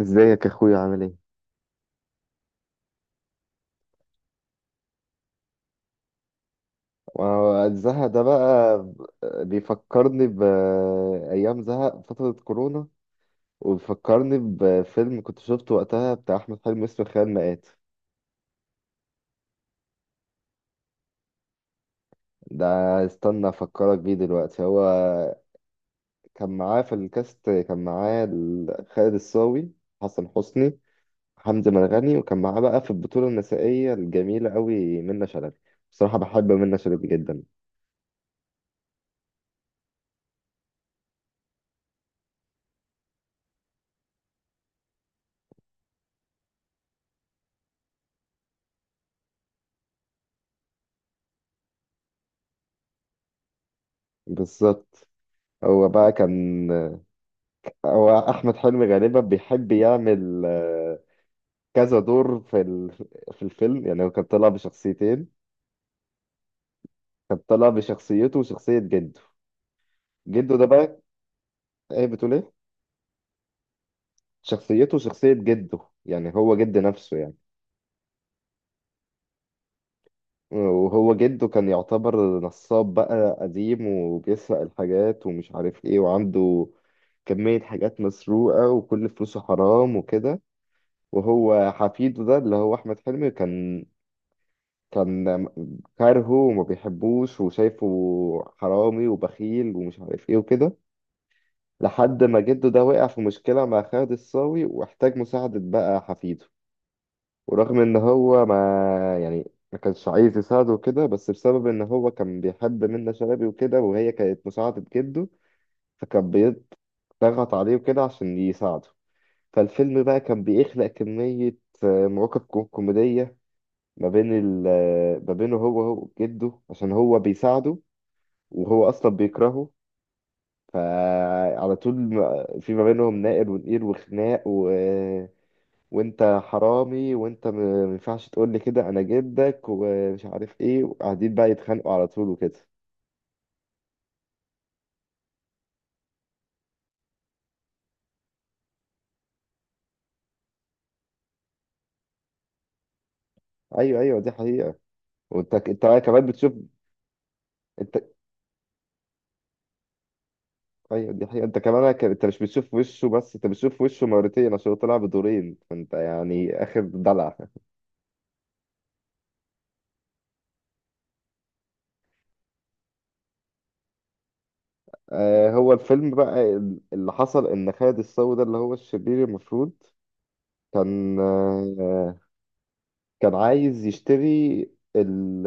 ازيك يا اخويا، عامل ايه؟ ما هو زهق ده بقى. بيفكرني بأيام زهق فترة كورونا، وبيفكرني بفيلم كنت شفته وقتها بتاع أحمد حلمي اسمه خيال مآت. ده استنى أفكرك بيه دلوقتي. هو كان معاه في الكاست، كان معاه خالد الصاوي، حسن حسني، حمزة مرغني، وكان معاه بقى في البطولة النسائية الجميلة قوي منة شلبي. بصراحة بحب منة شلبي جدا. بالظبط. هو بقى كان هو احمد حلمي غالبا بيحب يعمل كذا دور في الفيلم. يعني هو كان طلع بشخصيتين، كان طلع بشخصيته وشخصية جده. جده ده بقى، ايه بتقول ايه؟ شخصيته وشخصية جده، يعني هو جد نفسه يعني. وهو جده كان يعتبر نصاب بقى قديم، وبيسرق الحاجات ومش عارف ايه، وعنده كمية حاجات مسروقة وكل فلوسه حرام وكده. وهو حفيده ده اللي هو أحمد حلمي كان كارهه وما بيحبوش، وشايفه حرامي وبخيل ومش عارف ايه وكده. لحد ما جده ده وقع في مشكلة مع خالد الصاوي واحتاج مساعدة بقى حفيده. ورغم ان هو ما كانش عايز يساعده وكده، بس بسبب ان هو كان بيحب منة شلبي وكده وهي كانت مساعدة جده، فكان بيضغط عليه وكده عشان يساعده. فالفيلم بقى كان بيخلق كمية مواقف كوميدية ما بين ال ما بينه هو جده عشان هو بيساعده، وهو اصلا بيكرهه. فعلى طول في ما بينهم نائر ونقير وخناق، و... وانت حرامي وانت ما ينفعش تقول لي كده انا جدك ومش عارف ايه، وقاعدين بقى يتخانقوا على طول وكده. ايوه، ايوه، دي حقيقة. وانت كمان بتشوف. انت، ايوه، دي حقيقة. انت مش بتشوف وشه بس، انت بتشوف وشه مرتين عشان هو طلع بدورين، فانت يعني اخر دلع. هو الفيلم بقى، اللي حصل ان خالد الصاوي ده اللي هو الشرير المفروض، كان آه، كان عايز يشتري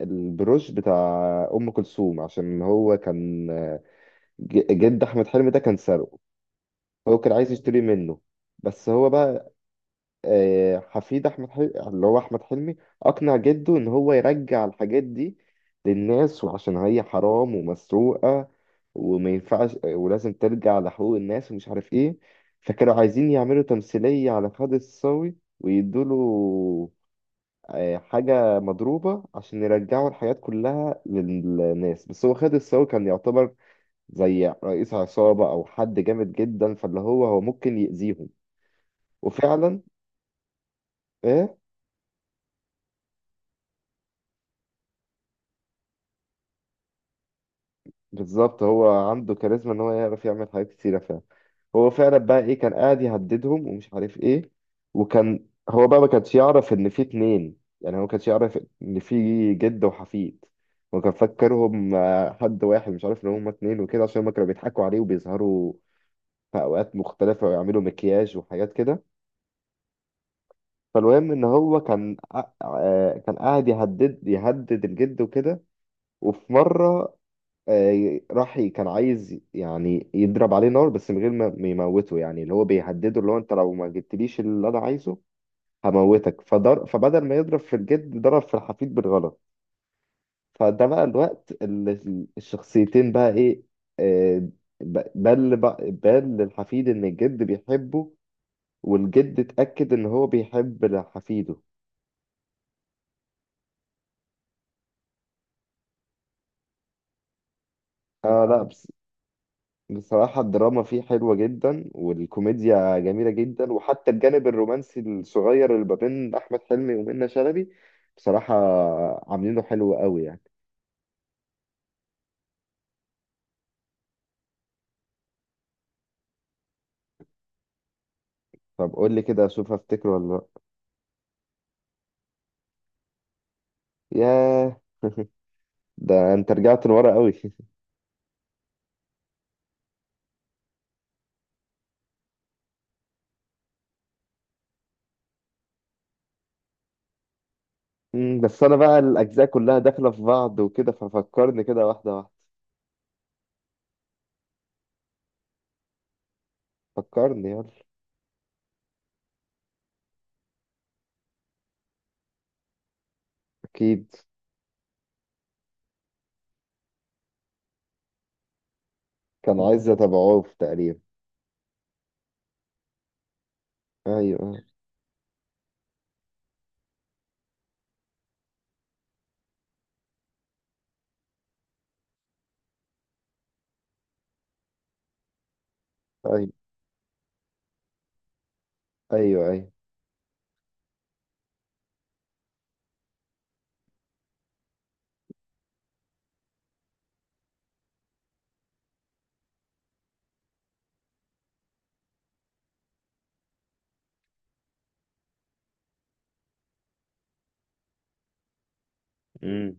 البروش بتاع ام كلثوم، عشان هو كان جد احمد حلمي ده كان سارقه. هو كان عايز يشتري منه. بس هو بقى حفيد احمد حلمي اللي هو احمد حلمي اقنع جده ان هو يرجع الحاجات دي للناس، وعشان هي حرام ومسروقه، وما ينفعش ولازم ترجع لحقوق الناس ومش عارف ايه. فكانوا عايزين يعملوا تمثيليه على خالد الصاوي، ويدوله حاجه مضروبه عشان يرجعوا الحاجات كلها للناس. بس هو خالد الصاوي كان يعتبر زي رئيس عصابه او حد جامد جدا، فاللي هو هو ممكن يأذيهم. وفعلا آه، بالظبط. هو عنده كاريزما ان هو يعرف يعمل حاجات كتيرة فعلا. هو فعلا بقى ايه، كان قاعد يهددهم ومش عارف ايه. وكان هو بقى ما كانش يعرف ان في اتنين، يعني هو ما كانش يعرف ان في جد وحفيد، وكان فكرهم حد واحد مش عارف ان هما اتنين وكده، عشان هما كانوا بيضحكوا عليه وبيظهروا في اوقات مختلفة ويعملوا مكياج وحاجات كده. فالمهم ان هو كان قا- آه، كان قاعد يهدد الجد وكده. وفي مرة كان عايز يعني يضرب عليه نار، بس من غير ما يموته، يعني اللي هو بيهدده، اللي هو انت لو ما جبتليش اللي انا عايزه هموتك. فضر فبدل ما يضرب في الجد ضرب في الحفيد بالغلط. فده بقى الوقت اللي الشخصيتين بقى ايه، آه، بل بقى بل للحفيد ان الجد بيحبه، والجد اتأكد ان هو بيحب حفيده. اه لا. بصراحة الدراما فيه حلوة جدا، والكوميديا جميلة جدا، وحتى الجانب الرومانسي الصغير اللي ما بين أحمد حلمي ومنة شلبي بصراحة عاملينه حلو قوي يعني. طب قول لي كده أشوف أفتكره ولا لأ. ياه ده أنت رجعت لورا قوي بس أنا بقى الأجزاء كلها داخلة في بعض وكده، ففكرني كده واحدة واحدة. فكرني يلا. أكيد. كان عايز أتابعوه تقريبا. أيوه، أيوه، أيوه، أيوه.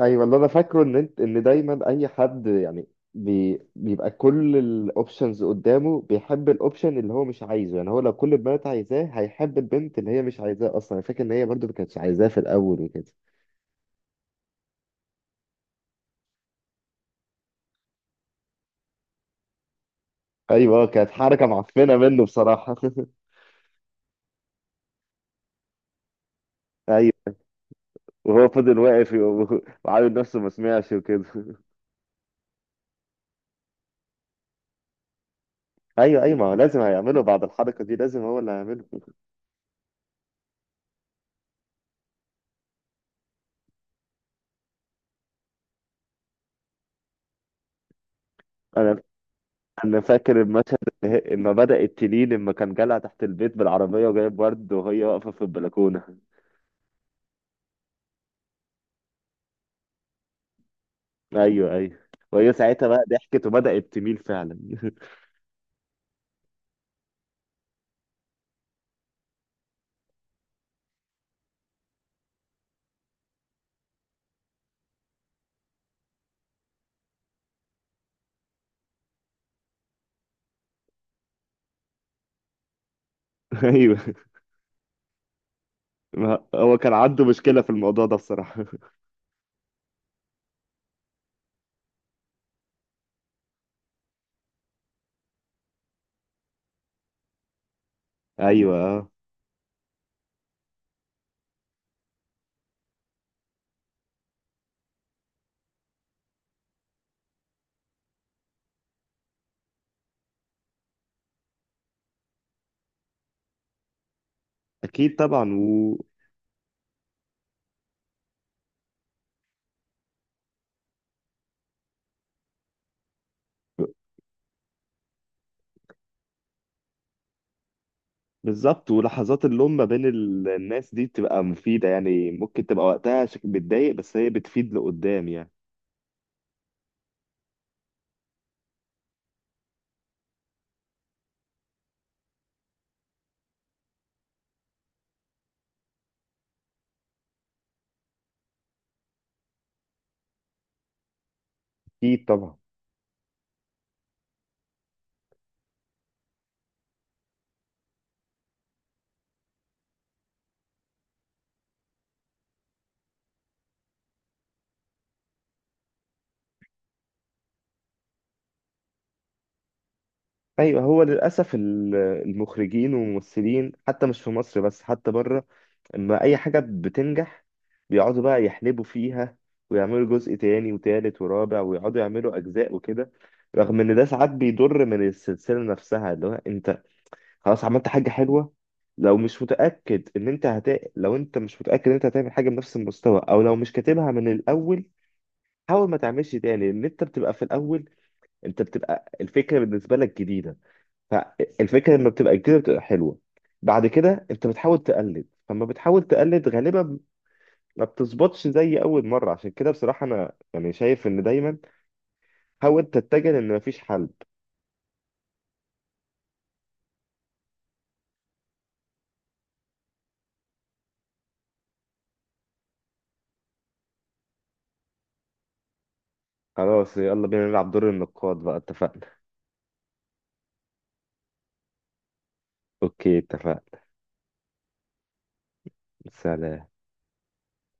ايوه، اللي انا فاكره ان انت دايما اي حد يعني بيبقى كل الاوبشنز قدامه بيحب الاوبشن اللي هو مش عايزه، يعني هو لو كل البنات عايزاه هيحب البنت اللي هي مش عايزاه، اصلا انا فاكر ان هي برضو ما كانتش عايزاه في الاول وكده. ايوه، كانت حركه معفنه منه بصراحه ايوه، وهو فضل واقف وعامل نفسه ما سمعش وكده ايوه، ايوه، ما هو لازم هيعمله بعد الحركه دي، لازم هو اللي هيعمله. انا انا فاكر المشهد لما بدأت تلي لما كان جالها تحت البيت بالعربية وجايب ورد وهي واقفة في البلكونة. ايوه، ايوه، وهي ساعتها بقى ضحكت وبدأت تميل فعلا ايوه، ما هو كان عنده مشكلة في الموضوع ده بصراحة ايوه. اكيد طبعا. و... بالظبط، ولحظات اللوم ما بين الناس دي بتبقى مفيدة، يعني ممكن تبقى وقتها بتضايق، بس هي بتفيد لقدام يعني. أكيد طبعا. أيوه، هو للأسف المخرجين والممثلين حتى مش في مصر بس حتى بره، اما اي حاجة بتنجح بيقعدوا بقى يحلبوا فيها، ويعملوا جزء تاني وتالت ورابع ويقعدوا يعملوا اجزاء وكده. رغم ان ده ساعات بيضر من السلسلة نفسها. اللي هو انت خلاص عملت حاجة حلوة، لو مش متأكد ان انت هت... لو انت مش متأكد ان انت هتعمل حاجة بنفس المستوى او لو مش كاتبها من الاول، حاول ما تعملش تاني. ان انت بتبقى في الاول انت بتبقى الفكرة بالنسبة لك جديدة، فالفكرة لما بتبقى جديدة بتبقى حلوة. بعد كده انت بتحاول تقلد، فلما بتحاول تقلد غالبا ما بتظبطش زي اول مره. عشان كده بصراحه انا يعني شايف ان دايما حاول تتجه، لان مفيش حل. خلاص يلا بينا نلعب دور النقاد بقى، اتفقنا. اوكي، اتفقنا. سلام.